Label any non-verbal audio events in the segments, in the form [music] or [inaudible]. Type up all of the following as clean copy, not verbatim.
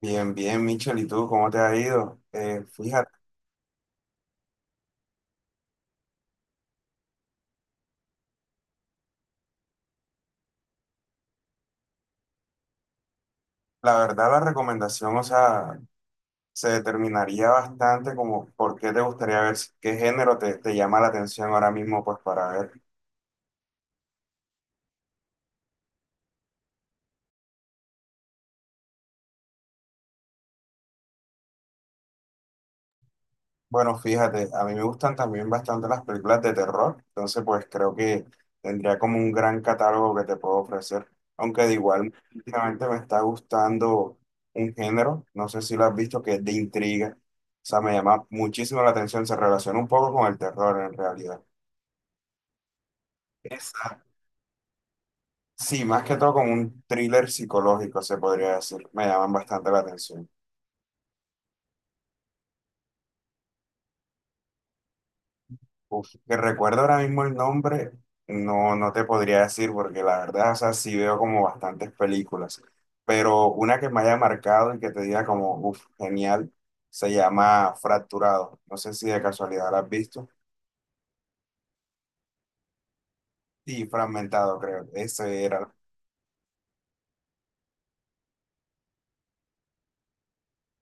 Bien, bien, Michel, ¿y tú cómo te ha ido? Fíjate, la verdad la recomendación, o sea, se determinaría bastante como por qué te gustaría ver qué género te llama la atención ahora mismo, pues para ver. Bueno, fíjate, a mí me gustan también bastante las películas de terror, entonces pues creo que tendría como un gran catálogo que te puedo ofrecer, aunque de igual últimamente me está gustando un género, no sé si lo has visto, que es de intriga. O sea, me llama muchísimo la atención, se relaciona un poco con el terror en realidad. Esa. Sí, más que todo como un thriller psicológico, se podría decir. Me llaman bastante la atención. Uf, que recuerdo ahora mismo el nombre, no te podría decir, porque la verdad, o sea, sí veo como bastantes películas. Pero una que me haya marcado y que te diga como, uf, genial, se llama Fracturado. No sé si de casualidad la has visto. Y Fragmentado, creo. Esa era.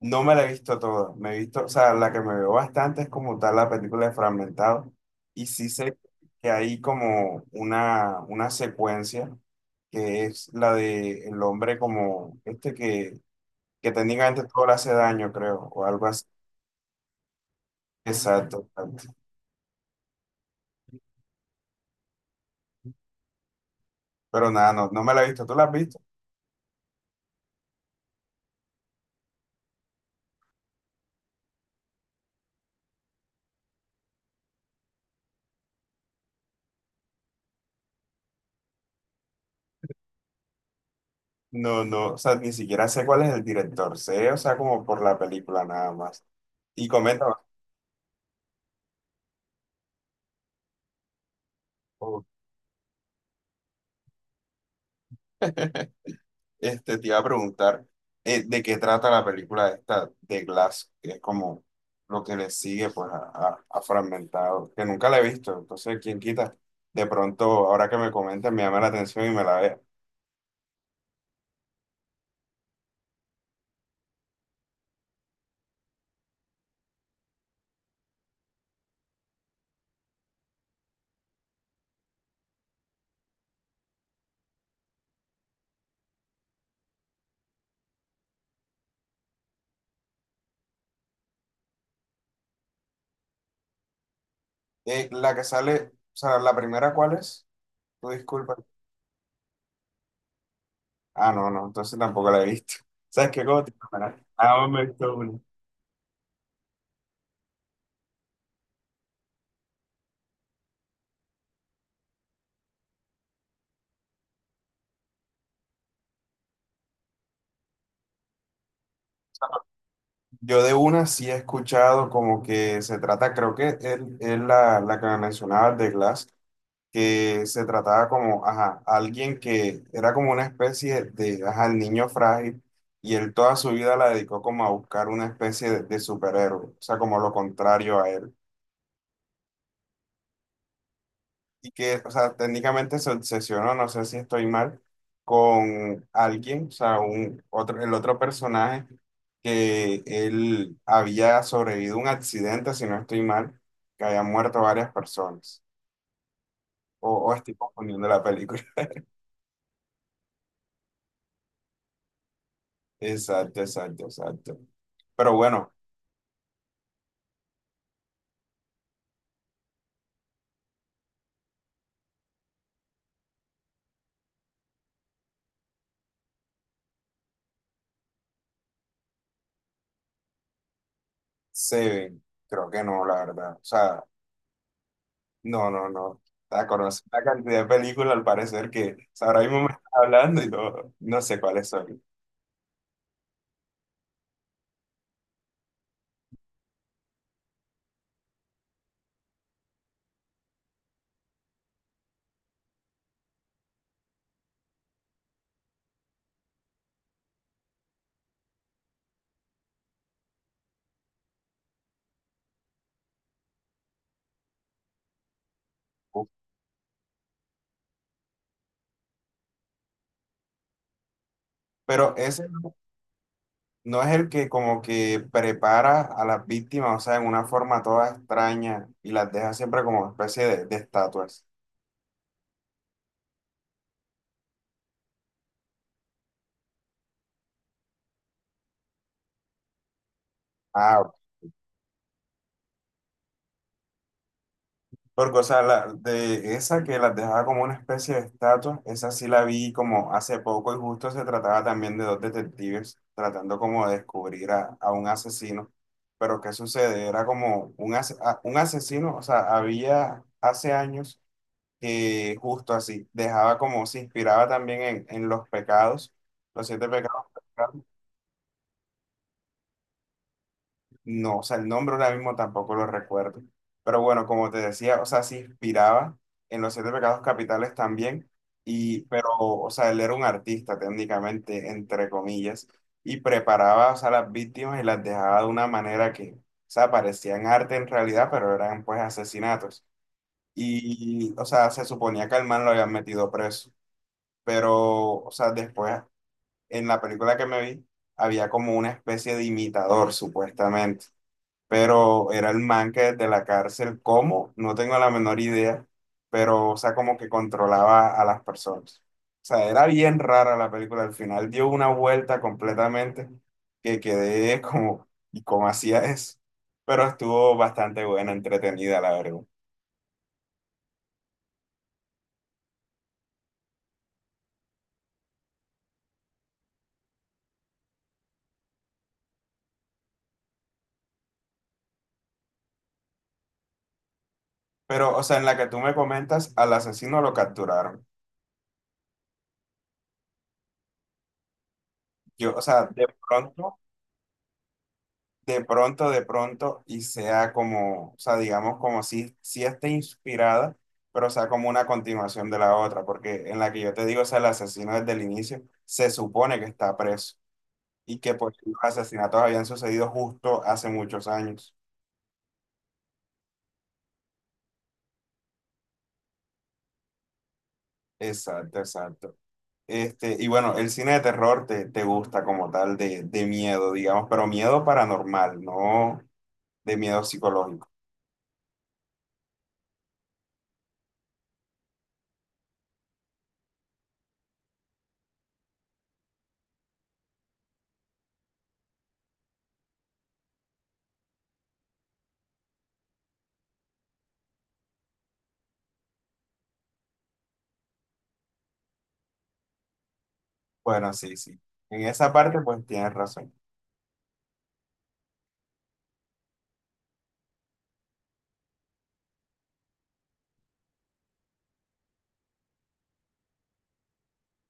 No me la he visto toda, me he visto, o sea, la que me veo bastante es como tal la película de Fragmentado y sí sé que hay como una secuencia que es la de el hombre como este que técnicamente todo le hace daño, creo, o algo así. Exacto, exacto. Pero nada, no me la he visto, ¿tú la has visto? No, no, o sea, ni siquiera sé cuál es el director, sé, o sea, como por la película nada más. Y comenta. [laughs] Este, te iba a preguntar de qué trata la película esta de Glass, que es como lo que le sigue pues a, a Fragmentado, que nunca la he visto, entonces quién quita, de pronto ahora que me comentan me llama la atención y me la vea. La que sale, o sea, la primera ¿cuál es? Tú disculpa. Ah, no, no, entonces tampoco la he visto. [laughs] ¿Sabes qué? Ah, me he visto una. Yo de una sí he escuchado como que se trata, creo que es la que me mencionabas de Glass que se trataba como, ajá, alguien que era como una especie de, ajá, el niño frágil, y él toda su vida la dedicó como a buscar una especie de superhéroe, o sea, como lo contrario a él. Y que, o sea, técnicamente se obsesionó, no sé si estoy mal, con alguien, o sea, el otro personaje que él había sobrevivido a un accidente, si no estoy mal, que habían muerto varias personas. O estoy confundiendo la película. Exacto, exacto, exacto. Pero bueno, Seven, creo que no, la verdad. O sea, no, no, no. O sea, conocí una cantidad de películas al parecer que o sea, ahora mismo me estás [laughs] hablando y no, no sé cuáles son. Uf. Pero ese no es el que como que prepara a las víctimas, o sea, en una forma toda extraña y las deja siempre como especie de estatuas. Ah, porque, o sea, la, de esa que las dejaba como una especie de estatua, esa sí la vi como hace poco y justo se trataba también de dos detectives tratando como de descubrir a un asesino. Pero ¿qué sucede? Era como un, un asesino, o sea, había hace años que justo así, dejaba como, se inspiraba también en los pecados, los siete pecados. No, o sea, el nombre ahora mismo tampoco lo recuerdo. Pero bueno, como te decía, o sea, se inspiraba en los siete pecados capitales también, y, pero, o sea, él era un artista técnicamente, entre comillas, y preparaba, o sea, las víctimas y las dejaba de una manera que, o sea, parecían arte en realidad, pero eran pues asesinatos. Y, o sea, se suponía que al man lo habían metido preso, pero, o sea, después, en la película que me vi, había como una especie de imitador, supuestamente, pero era el man que desde la cárcel, ¿cómo? No tengo la menor idea, pero, o sea, como que controlaba a las personas. O sea, era bien rara la película, al final dio una vuelta completamente que quedé [laughs] como, ¿y cómo hacía eso? Pero estuvo bastante buena, entretenida, la verdad. Pero, o sea, en la que tú me comentas, al asesino lo capturaron. Yo, o sea, de pronto... De pronto, de pronto, y sea como, o sea, digamos como si, si esté inspirada, pero sea como una continuación de la otra, porque en la que yo te digo, o sea, el asesino desde el inicio se supone que está preso y que pues los asesinatos habían sucedido justo hace muchos años. Exacto, exacto. Este, y bueno, el cine de terror te gusta como tal de miedo, digamos, pero miedo paranormal, no de miedo psicológico. Bueno, sí, sí. En esa parte pues tienes razón.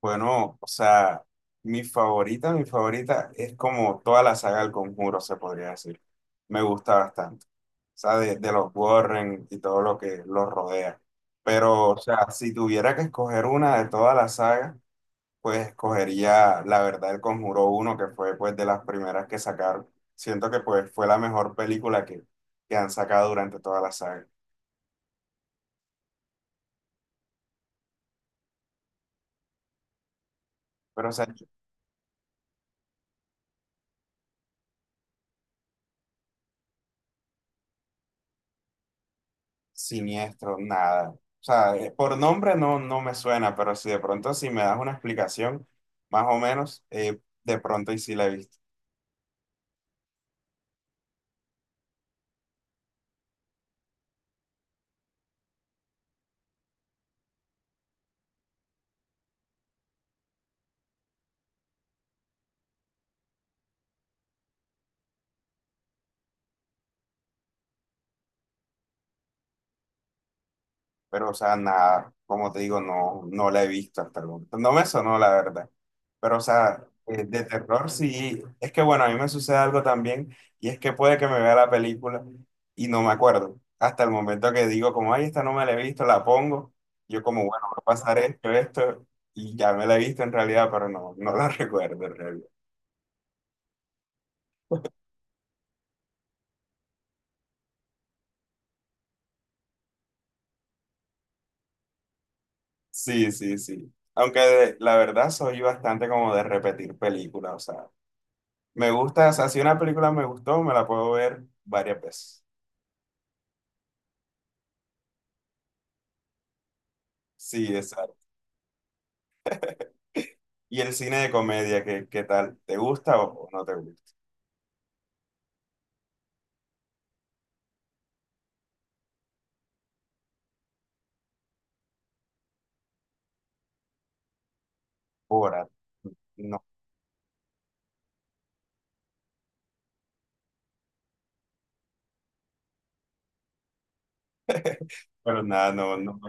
Bueno, o sea, mi favorita es como toda la saga del Conjuro, se podría decir. Me gusta bastante. O sea, de los Warren y todo lo que los rodea. Pero, o sea, si tuviera que escoger una de toda la saga, pues escogería la verdad el Conjuro uno que fue pues de las primeras que sacaron. Siento que pues fue la mejor película que han sacado durante toda la saga. Pero, o sea, Siniestro, nada. O sea, por nombre no, no me suena, pero si de pronto si me das una explicación, más o menos, de pronto y si la he visto. Pero, o sea, nada, como te digo, no, no la he visto hasta el momento. No me sonó, la verdad. Pero, o sea, de terror sí. Es que, bueno, a mí me sucede algo también, y es que puede que me vea la película y no me acuerdo. Hasta el momento que digo, como, ay, esta no me la he visto, la pongo. Yo como, bueno, va a pasar esto, esto, y ya me la he visto en realidad, pero no, no la [laughs] recuerdo en realidad. Sí, sí, sí. Aunque de- la verdad soy bastante como de repetir películas, o sea. Me gusta, o sea, si una película me gustó, me la puedo ver varias veces. Sí, exacto. ¿Y el cine de comedia, qué, qué tal? ¿Te gusta o no te gusta? Ahora, no, pero nada, no, no.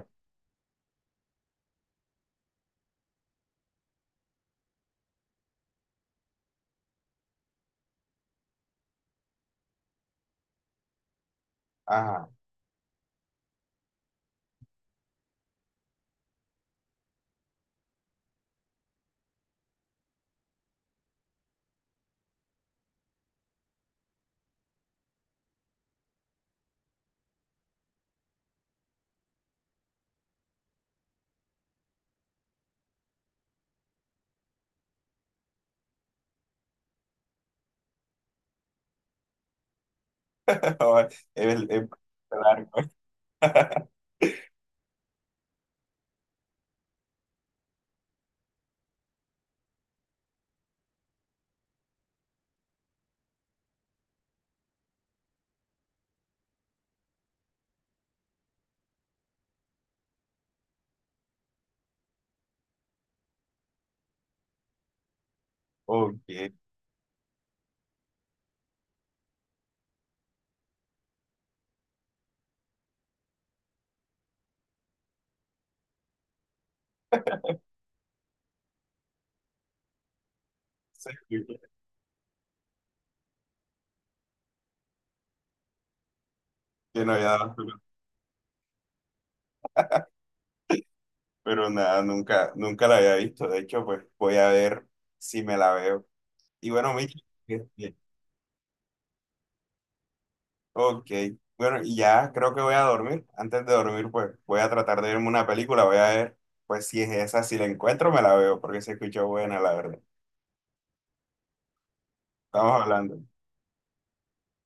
Ajá, [laughs] es largo. [laughs] Ok, sí, sí, sí. Que no había dado, pero nada, nunca, nunca la había visto. De hecho, pues voy a ver si me la veo. Y bueno, Miki, ok, bueno, y ya creo que voy a dormir. Antes de dormir, pues voy a tratar de verme una película, voy a ver, pues si es esa, si la encuentro, me la veo, porque se escuchó buena, la verdad. Estamos hablando.